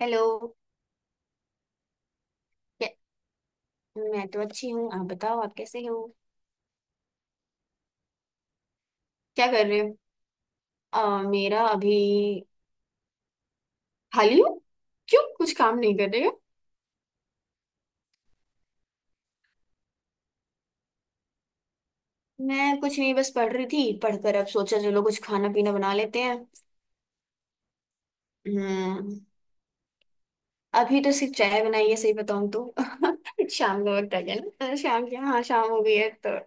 Hello. क्या। मैं तो अच्छी हूँ, आप बताओ आप कैसे हो। क्या कर रहे हो। मेरा अभी। खाली हूँ। क्यों कुछ काम नहीं कर रहे हो। मैं कुछ नहीं, बस पढ़ रही थी, पढ़कर अब सोचा चलो कुछ खाना पीना बना लेते हैं। हम्म अभी तो सिर्फ चाय बनाई है, सही बताऊँ तो शाम का वक्त आ गया ना, शाम की, हाँ शाम हो गई है तो।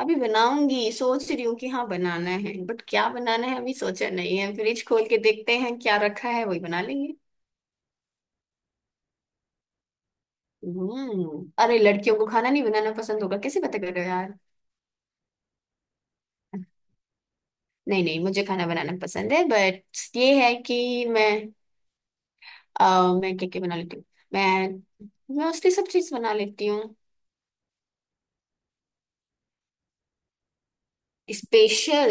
अभी बनाऊंगी, सोच रही हूँ कि हाँ बनाना है बट क्या बनाना है अभी सोचा नहीं है, फ्रिज खोल के देखते हैं क्या रखा है वही बना लेंगे। अरे, लड़कियों को खाना नहीं बनाना पसंद होगा? कैसे बातें कर रहे हो यार। नहीं नहीं, मुझे खाना बनाना पसंद है बट ये है कि मैं। मैं क्या क्या बना लेती हूँ? मैं मोस्टली सब चीज बना लेती हूँ। स्पेशल।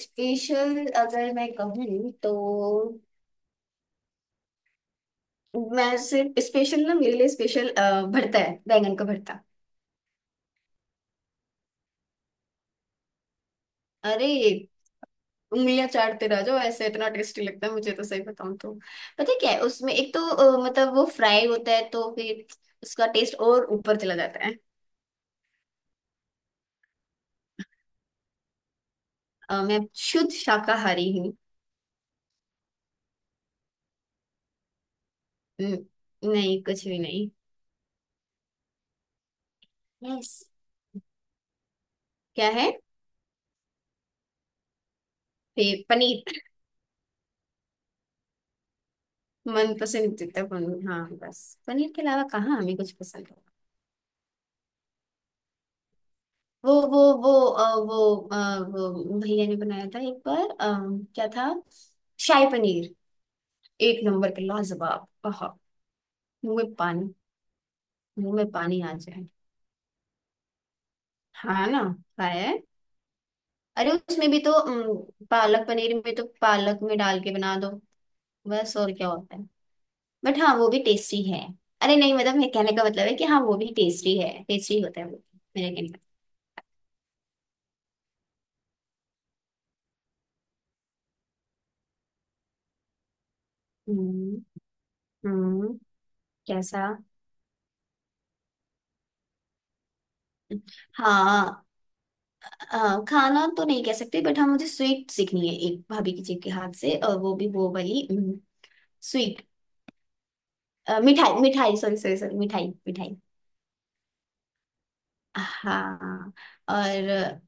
स्पेशल अगर मैं कहूँ तो, मैं सिर्फ स्पेशल ना, मेरे लिए स्पेशल भरता है, बैंगन का भरता। अरे, उंगलियां चाटते रह जाओ ऐसे, इतना टेस्टी लगता है मुझे तो, सही बताऊं तो। पता है क्या है उसमें? एक तो मतलब वो फ्राई होता है तो फिर उसका टेस्ट और ऊपर चला जाता है। मैं शुद्ध शाकाहारी हूँ। हम्म, नहीं कुछ भी नहीं। यस, क्या है। फिर पनीर। मन पसंद जितना पनीर, हाँ बस। पनीर के अलावा कहाँ हमें कुछ पसंद होगा। वो भैया ने बनाया था एक बार, क्या था, शाही पनीर। एक नंबर के लाजवाब, आहा। मुंह में पानी। मुंह में पानी आ जाए। हाँ ना। खाया है। अरे, उसमें भी तो पालक पनीर में तो पालक में डाल के बना दो, बस और क्या होता है। बट हाँ वो भी टेस्टी है। अरे नहीं, मतलब मेरे कहने का मतलब है कि हाँ वो भी टेस्टी है, टेस्टी होता है वो, मेरे कहने का। हम्म। हम्म। कैसा। हाँ, हाँ, खाना तो नहीं कह सकते बट हाँ मुझे स्वीट सीखनी है एक भाभी की जी के हाथ से, और वो भी वो वाली। स्वीट। मिठाई मिठाई, सॉरी सॉरी सॉरी, मिठाई मिठाई। हाँ। और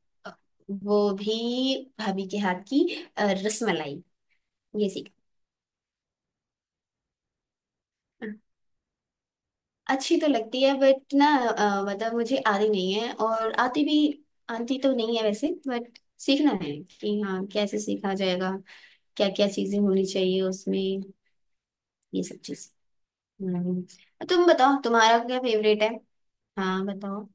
वो भी भाभी के हाथ की, रसमलाई। ये सीख। अच्छी तो लगती है बट ना, मतलब मुझे आती नहीं है, और आती भी, आती तो नहीं है वैसे बट सीखना है कि हाँ कैसे सीखा जाएगा, क्या क्या चीजें होनी चाहिए उसमें, ये सब चीज। तुम बताओ तुम्हारा क्या फेवरेट है। हाँ बताओ।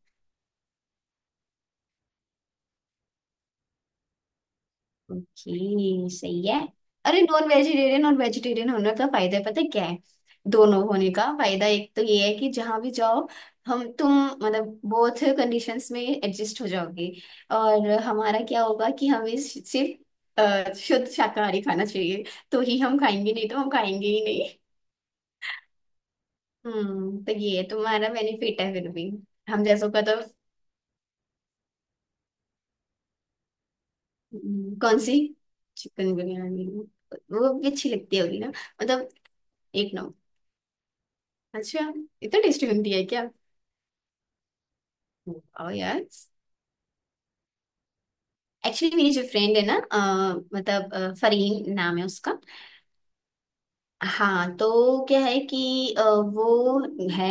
ओके सही है। अरे, नॉन वेजिटेरियन और वेजिटेरियन होने का फायदा पता है क्या है? दोनों होने का फायदा एक तो ये है कि जहां भी जाओ, हम तुम मतलब बोथ कंडीशंस में एडजस्ट हो जाओगे। और हमारा क्या होगा कि हमें सिर्फ शुद्ध शाकाहारी खाना चाहिए, तो ही हम खाएंगे, नहीं तो हम खाएंगे ही नहीं। तो ये तुम्हारा बेनिफिट है फिर भी। हम जैसों का तो। कौन सी, चिकन बिरयानी। वो भी अच्छी लगती होगी ना, मतलब। एक नंबर। अच्छा, इतना टेस्टी बनती है क्या। Oh yes. एक्चुअली मेरी जो फ्रेंड है ना, मतलब फरीन नाम है उसका। हाँ तो क्या है कि वो है,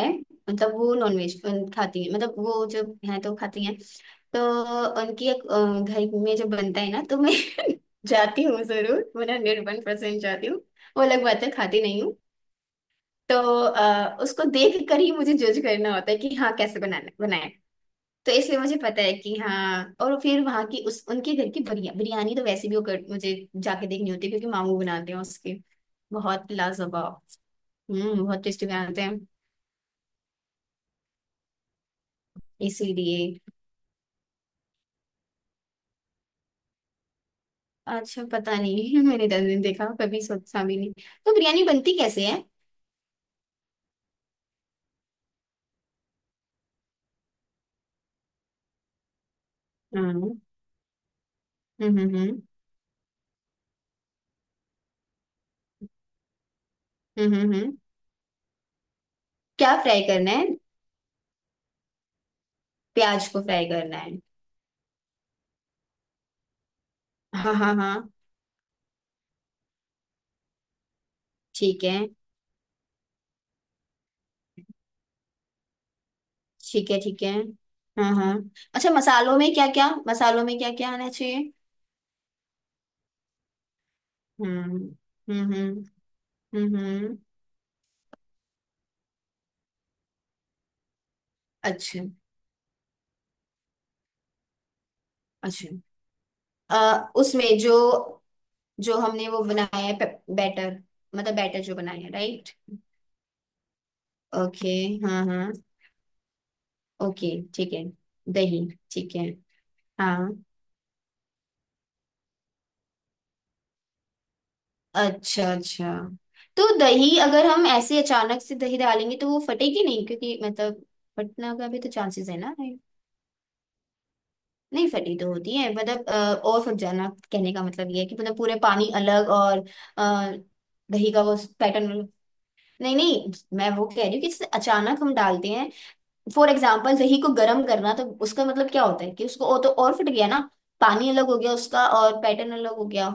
मतलब वो नॉनवेज खाती है, मतलब वो जब है तो खाती है। तो उनकी एक, घर में जो बनता है ना तो मैं जाती हूँ, जरूर, मैं 101% जाती हूँ। वो अलग बात है, खाती नहीं हूँ। तो उसको देख कर ही मुझे जज करना होता है कि हाँ कैसे बनाना। तो इसलिए मुझे पता है कि हाँ, और फिर वहां की उस उनके घर की बिरयानी तो वैसे भी मुझे जाके देखनी होती है क्योंकि मामू बनाते हैं उसके, बहुत लाजवाब। बहुत टेस्टी बनाते हैं। इसीलिए। अच्छा, पता नहीं मैंने 10 दिन देखा, कभी सोचा भी नहीं। तो बिरयानी बनती कैसे है। हम्म हम्म हम्म हम्म हम्म हम्म। क्या फ्राई करना है। प्याज को फ्राई करना है। हाँ हाँ हाँ। ठीक है। ठीक है ठीक है। हाँ हाँ। अच्छा, मसालों में क्या क्या, मसालों में क्या क्या आना चाहिए। हम्म। हम्म। हम्म। अच्छा। अच्छा। उसमें जो, जो हमने वो बनाया है, बैटर, मतलब बैटर जो बनाया है, राइट। ओके। हाँ हाँ, ओके, ठीक है। दही, ठीक है। हाँ। अच्छा अच्छा, तो दही अगर हम ऐसे अचानक से दही डालेंगे तो वो फटेगी नहीं क्योंकि मतलब फटना का भी तो चांसेस है ना, right? नहीं, फटी तो होती है, मतलब, और फट जाना कहने का मतलब ये है कि मतलब पूरे पानी अलग, और अ, दही का वो पैटर्न। नहीं नहीं, मैं वो कह रही हूँ कि जैसे अचानक हम डालते हैं फॉर एग्जाम्पल दही को गर्म करना, तो उसका मतलब क्या होता है कि उसको और तो और फट गया ना, पानी अलग हो गया उसका और पैटर्न अलग हो गया।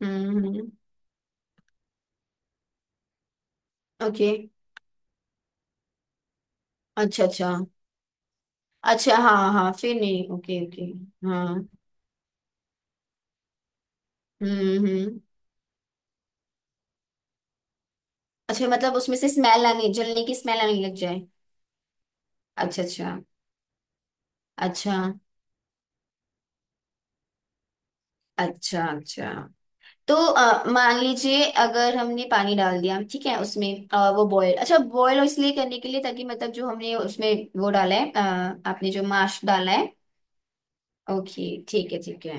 हम्म, ओके। अच्छा अच्छा, अच्छा हाँ हाँ फिर नहीं, ओके ओके। हाँ। हम्म। अच्छा, मतलब उसमें से स्मेल आने, जलने की स्मेल आने लग जाए। अच्छा अच्छा। अच्छा। अच्छा, अच्छा तो मान लीजिए अगर हमने पानी डाल दिया ठीक है, उसमें वो बॉयल, अच्छा बॉयल इसलिए करने के लिए ताकि मतलब जो हमने उसमें वो डाला है, आपने जो माश डाला है, ओके ठीक है ठीक है।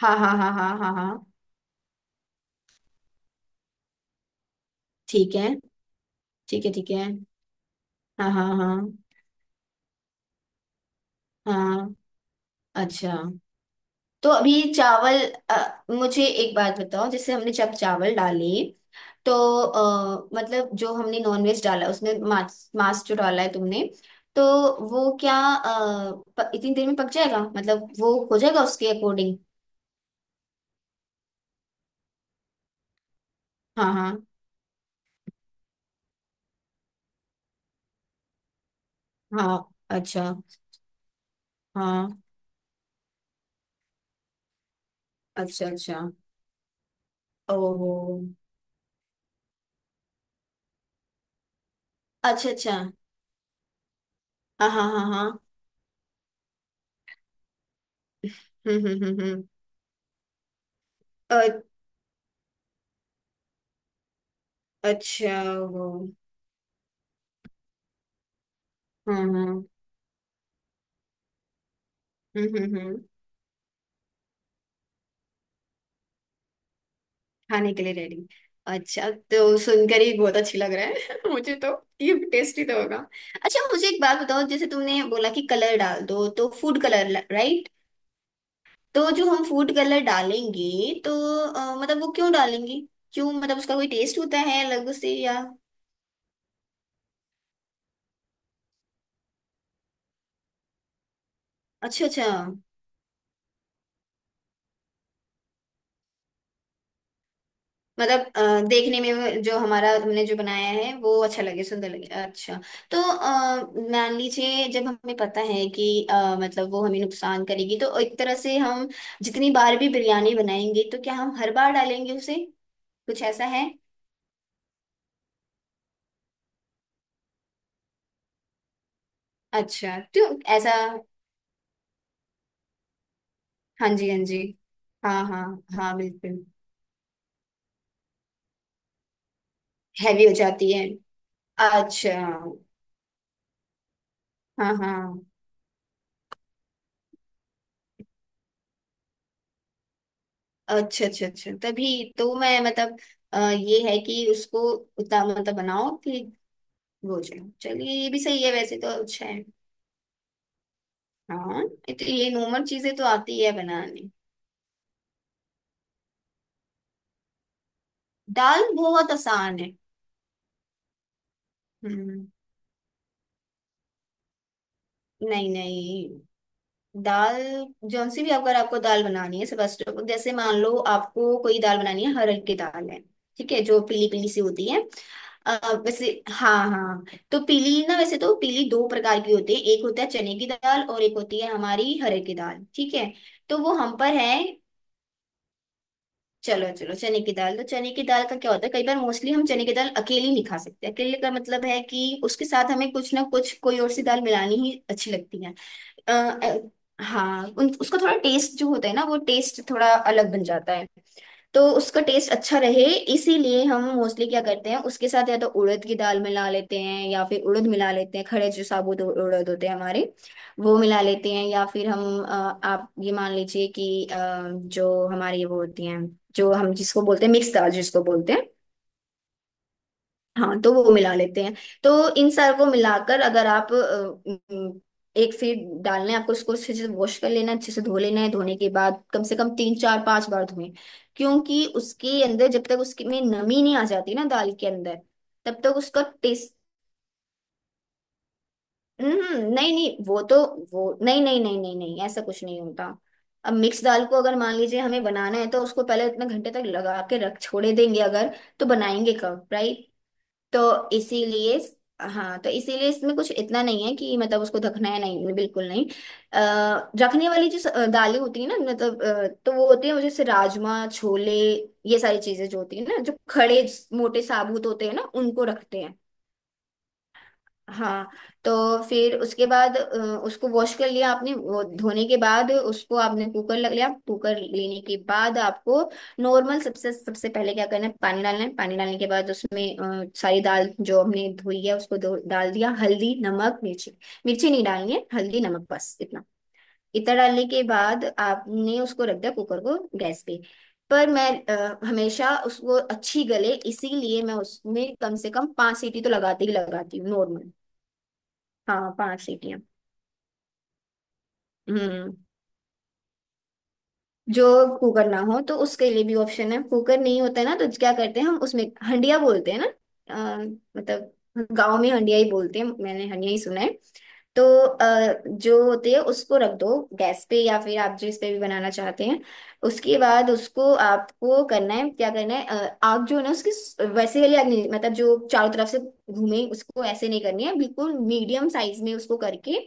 हाँ हाँ हाँ हाँ हाँ हाँ। ठीक है ठीक है। ठीक है। हाँ हाँ हाँ हाँ। अच्छा। तो अभी चावल, मुझे एक बात बताओ, जैसे हमने जब चावल डाले तो मतलब जो हमने नॉनवेज डाला, उसमें मांस मांस जो डाला है तुमने, तो वो क्या, इतनी देर में पक जाएगा मतलब वो हो जाएगा उसके अकॉर्डिंग। हाँ हाँ हाँ। अच्छा। हाँ। अच्छा अच्छा। ओहो। अच्छा अच्छा। हाँ हाँ हाँ हाँ। हम्म। अ- अच्छा। वो। हम्म हम्म हम्म हम्म हम्म। खाने के लिए रेडी। अच्छा तो सुनकर ही बहुत अच्छी लग रहा है मुझे तो। ये टेस्टी तो होगा। अच्छा, मुझे एक बात बताओ, जैसे तुमने बोला कि कलर डाल दो, तो फूड कलर, राइट? तो जो हम फूड कलर डालेंगे, तो मतलब वो क्यों डालेंगे? क्यों, मतलब उसका कोई टेस्ट होता है अलग से या? अच्छा अच्छा, मतलब देखने में जो हमारा, हमने जो बनाया है वो अच्छा लगे, सुंदर लगे, अच्छा। तो मान लीजिए जब हमें पता है कि मतलब वो हमें नुकसान करेगी, तो एक तरह से हम जितनी बार भी बिरयानी बनाएंगे तो क्या हम हर बार डालेंगे उसे? कुछ ऐसा है। अच्छा क्यों? ऐसा? हाँ जी हाँ जी। हाँ हाँ। हाँ बिल्कुल। हैवी हो जाती है। अच्छा। हाँ हाँ। अच्छा अच्छा अच्छा, तभी तो मैं मतलब ये है कि उसको उतना मतलब बनाओ कि भोजन, चलिए ये भी सही है, वैसे तो अच्छा है। हाँ ये तो, ये नॉर्मल चीजें तो आती है बनाने। दाल बहुत आसान है। हम्म, नहीं नहीं। दाल जौन सी भी, अगर आपको दाल बनानी है, सबसे जैसे मान लो आपको कोई दाल बनानी है, हरड़ की दाल है ठीक है, जो पीली पीली सी होती है। वैसे हाँ हाँ। तो पीली ना, वैसे तो पीली दो प्रकार की होती है, एक होता है चने की दाल और एक होती है हमारी हरड़ की दाल, ठीक है। तो वो हम पर है। चलो चलो, चने की दाल। तो चने की दाल का क्या होता है, कई बार मोस्टली हम चने की दाल अकेली नहीं खा सकते, अकेले का मतलब है कि उसके साथ हमें कुछ ना कुछ कोई और सी दाल मिलानी ही अच्छी लगती है। आ, हाँ उसका थोड़ा टेस्ट जो होता है ना, वो टेस्ट थोड़ा अलग बन जाता है। तो उसका टेस्ट अच्छा रहे, इसीलिए हम मोस्टली क्या करते हैं उसके साथ या तो उड़द की दाल मिला लेते हैं या फिर उड़द मिला लेते हैं, खड़े जो साबुत उड़द होते हैं हमारे, वो मिला लेते हैं, या फिर हम, आप ये मान लीजिए कि जो हमारी वो होती हैं, जो हम जिसको बोलते हैं मिक्स दाल, जिसको बोलते हैं। हाँ तो वो मिला लेते हैं। तो इन सार को मिलाकर अगर आप, अम, एक फीट डालना है आपको, उसको अच्छे से वॉश कर लेना है, अच्छे से धो लेना है, धोने के बाद कम से कम 3 4 5 बार धोएं, क्योंकि उसके अंदर जब तक उसके में नमी नहीं आ जाती ना दाल के अंदर तब तक उसका टेस्ट। नहीं नहीं। वो तो वो नहीं नहीं नहीं नहीं नहीं, ऐसा कुछ नहीं होता। अब मिक्स दाल को अगर मान लीजिए हमें बनाना है, तो उसको पहले इतने घंटे तक लगा के रख छोड़े देंगे अगर, तो बनाएंगे कब, राइट तो इसीलिए, हाँ तो इसीलिए इसमें कुछ इतना नहीं है कि मतलब उसको ढकना है, नहीं बिल्कुल नहीं। अः, रखने वाली जो दालें होती है ना, मतलब तो वो होती है जैसे राजमा छोले, ये सारी चीजें जो होती है ना, जो खड़े मोटे साबुत होते हैं ना उनको रखते हैं। हाँ। तो फिर उसके बाद उसको वॉश कर लिया आपने, वो धोने के बाद उसको आपने कुकर लग लिया, कुकर लेने के बाद आपको नॉर्मल सबसे सबसे पहले क्या करना है पानी डालना है, पानी डालने के बाद उसमें सारी दाल जो हमने धोई है उसको डाल दिया। हल्दी नमक मिर्ची मिर्ची नहीं डालनी है। हल्दी नमक बस इतना। इतना डालने के बाद आपने उसको रख दिया कुकर को गैस पे। पर मैं हमेशा उसको अच्छी गले इसीलिए मैं उसमें कम से कम 5 सीटी तो लगाती ही लगाती हूँ नॉर्मल। हाँ, 5 सीटियां। हम्म, जो कुकर ना हो तो उसके लिए भी ऑप्शन है। कुकर नहीं होता है ना तो क्या करते हैं हम उसमें हंडिया बोलते हैं ना। अ, मतलब गांव में हंडिया ही बोलते हैं, मैंने हंडिया ही सुना है। तो जो होती है उसको रख दो गैस पे या फिर आप जिस पे भी बनाना चाहते हैं। उसके बाद उसको आपको करना है क्या करना है, आग जो है ना उसकी वैसे वाली आग नहीं, मतलब जो चारों तरफ से घूमे उसको ऐसे नहीं करनी है, बिल्कुल मीडियम साइज में उसको करके।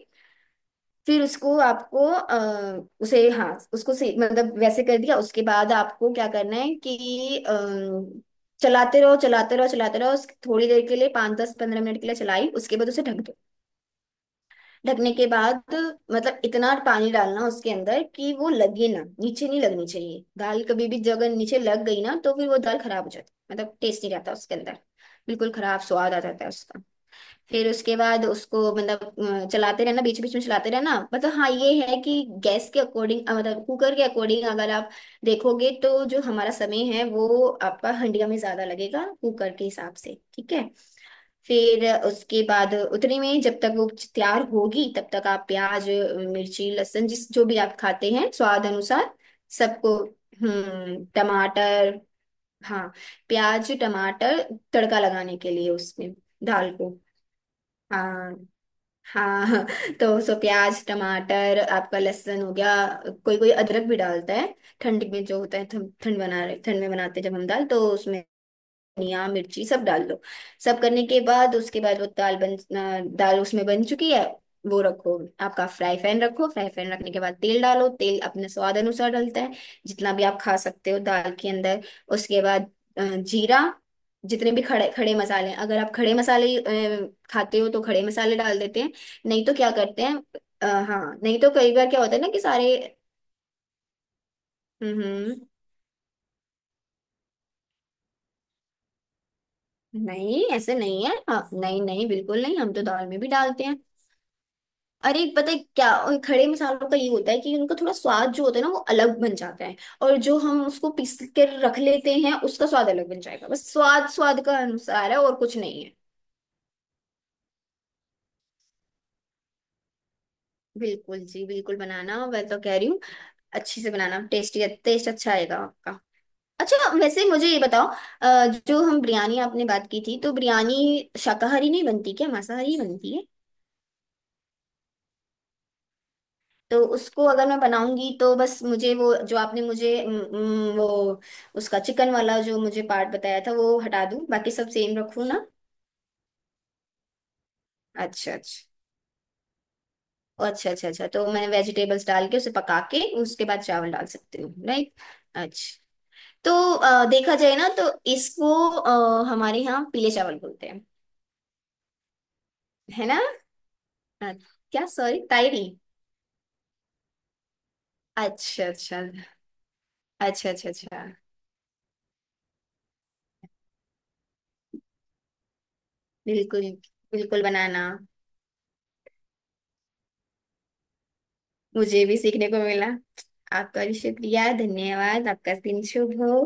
फिर उसको आपको उसे, हाँ, उसको मतलब वैसे कर दिया। उसके बाद आपको क्या करना है कि चलाते रहो चलाते रहो चलाते रहो, थोड़ी देर के लिए, 5 10 15 मिनट के लिए चलाई, उसके बाद उसे ढक दो। ढकने के बाद मतलब इतना पानी डालना उसके अंदर कि वो लगे ना, नीचे नहीं लगनी चाहिए दाल कभी भी, जगह नीचे लग गई ना तो फिर वो दाल खराब हो जाती है। मतलब टेस्ट नहीं रहता उसके अंदर, बिल्कुल खराब स्वाद आ जाता है उसका। फिर उसके बाद उसको मतलब चलाते रहना, बीच बीच में चलाते रहना। मतलब हाँ ये है कि गैस के अकॉर्डिंग, मतलब कुकर के अकॉर्डिंग अगर आप देखोगे तो जो हमारा समय है वो आपका हंडिया में ज्यादा लगेगा कुकर के हिसाब से, ठीक है। फिर उसके बाद उतने में जब तक वो तैयार होगी तब तक आप प्याज मिर्ची लहसुन जिस जो भी आप खाते हैं स्वाद अनुसार सबको। हम्म, टमाटर, हाँ, प्याज टमाटर तड़का लगाने के लिए, उसमें दाल को। हाँ, हाँ। तो उसको प्याज टमाटर आपका लहसुन हो गया। कोई कोई अदरक भी डालता है। ठंड में जो होता है, ठंड ठंड बना रहे, ठंड में बनाते हैं जब हम दाल तो उसमें धनिया मिर्ची सब डाल दो। सब करने के बाद उसके बाद वो दाल बन, दाल उसमें बन चुकी है। वो रखो आपका फ्राई पैन, रखो फ्राई पैन रखने के बाद तेल डालो, तेल अपने स्वाद अनुसार डलता है जितना भी आप खा सकते हो दाल के अंदर। उसके बाद जीरा, जितने भी खड़े खड़े मसाले हैं, अगर आप खड़े मसाले खाते हो तो खड़े मसाले डाल देते हैं। नहीं तो क्या करते हैं, हाँ, नहीं तो कई बार क्या होता है ना कि सारे। हम्म, नहीं ऐसे नहीं है, हाँ, नहीं नहीं, बिल्कुल नहीं, हम तो दाल में भी डालते हैं। अरे, पता है क्या उन खड़े मसालों का, ये होता है कि उनका थोड़ा स्वाद जो होता है ना वो अलग बन जाता है। और जो हम उसको पीस कर रख लेते हैं उसका स्वाद अलग बन जाएगा, बस स्वाद स्वाद का अनुसार है, और कुछ नहीं है। बिल्कुल जी, बिल्कुल बनाना, मैं तो कह रही हूँ अच्छे से बनाना, टेस्टी टेस्ट अच्छा आएगा आपका। अच्छा, वैसे मुझे ये बताओ, जो हम बिरयानी आपने बात की थी, तो बिरयानी शाकाहारी नहीं बनती क्या? मांसाहारी ही बनती है? तो उसको अगर मैं बनाऊंगी तो बस मुझे वो, जो आपने मुझे वो उसका चिकन वाला जो मुझे पार्ट बताया था वो हटा दूं, बाकी सब सेम रखूं ना। अच्छा अच्छा। ओ, अच्छा अच्छा अच्छा, तो मैं वेजिटेबल्स डाल के उसे पका के उसके बाद चावल डाल सकती हूँ, राइट। अच्छा, तो देखा जाए ना तो इसको हमारे यहाँ पीले चावल बोलते हैं, है ना। अ, क्या, सॉरी, तायरी? अच्छा अच्छा अच्छा। अच्छा अच्छा। बिल्कुल, बिल्कुल बनाना। मुझे भी सीखने को मिला। आपका भी शुक्रिया, धन्यवाद, आपका दिन शुभ हो।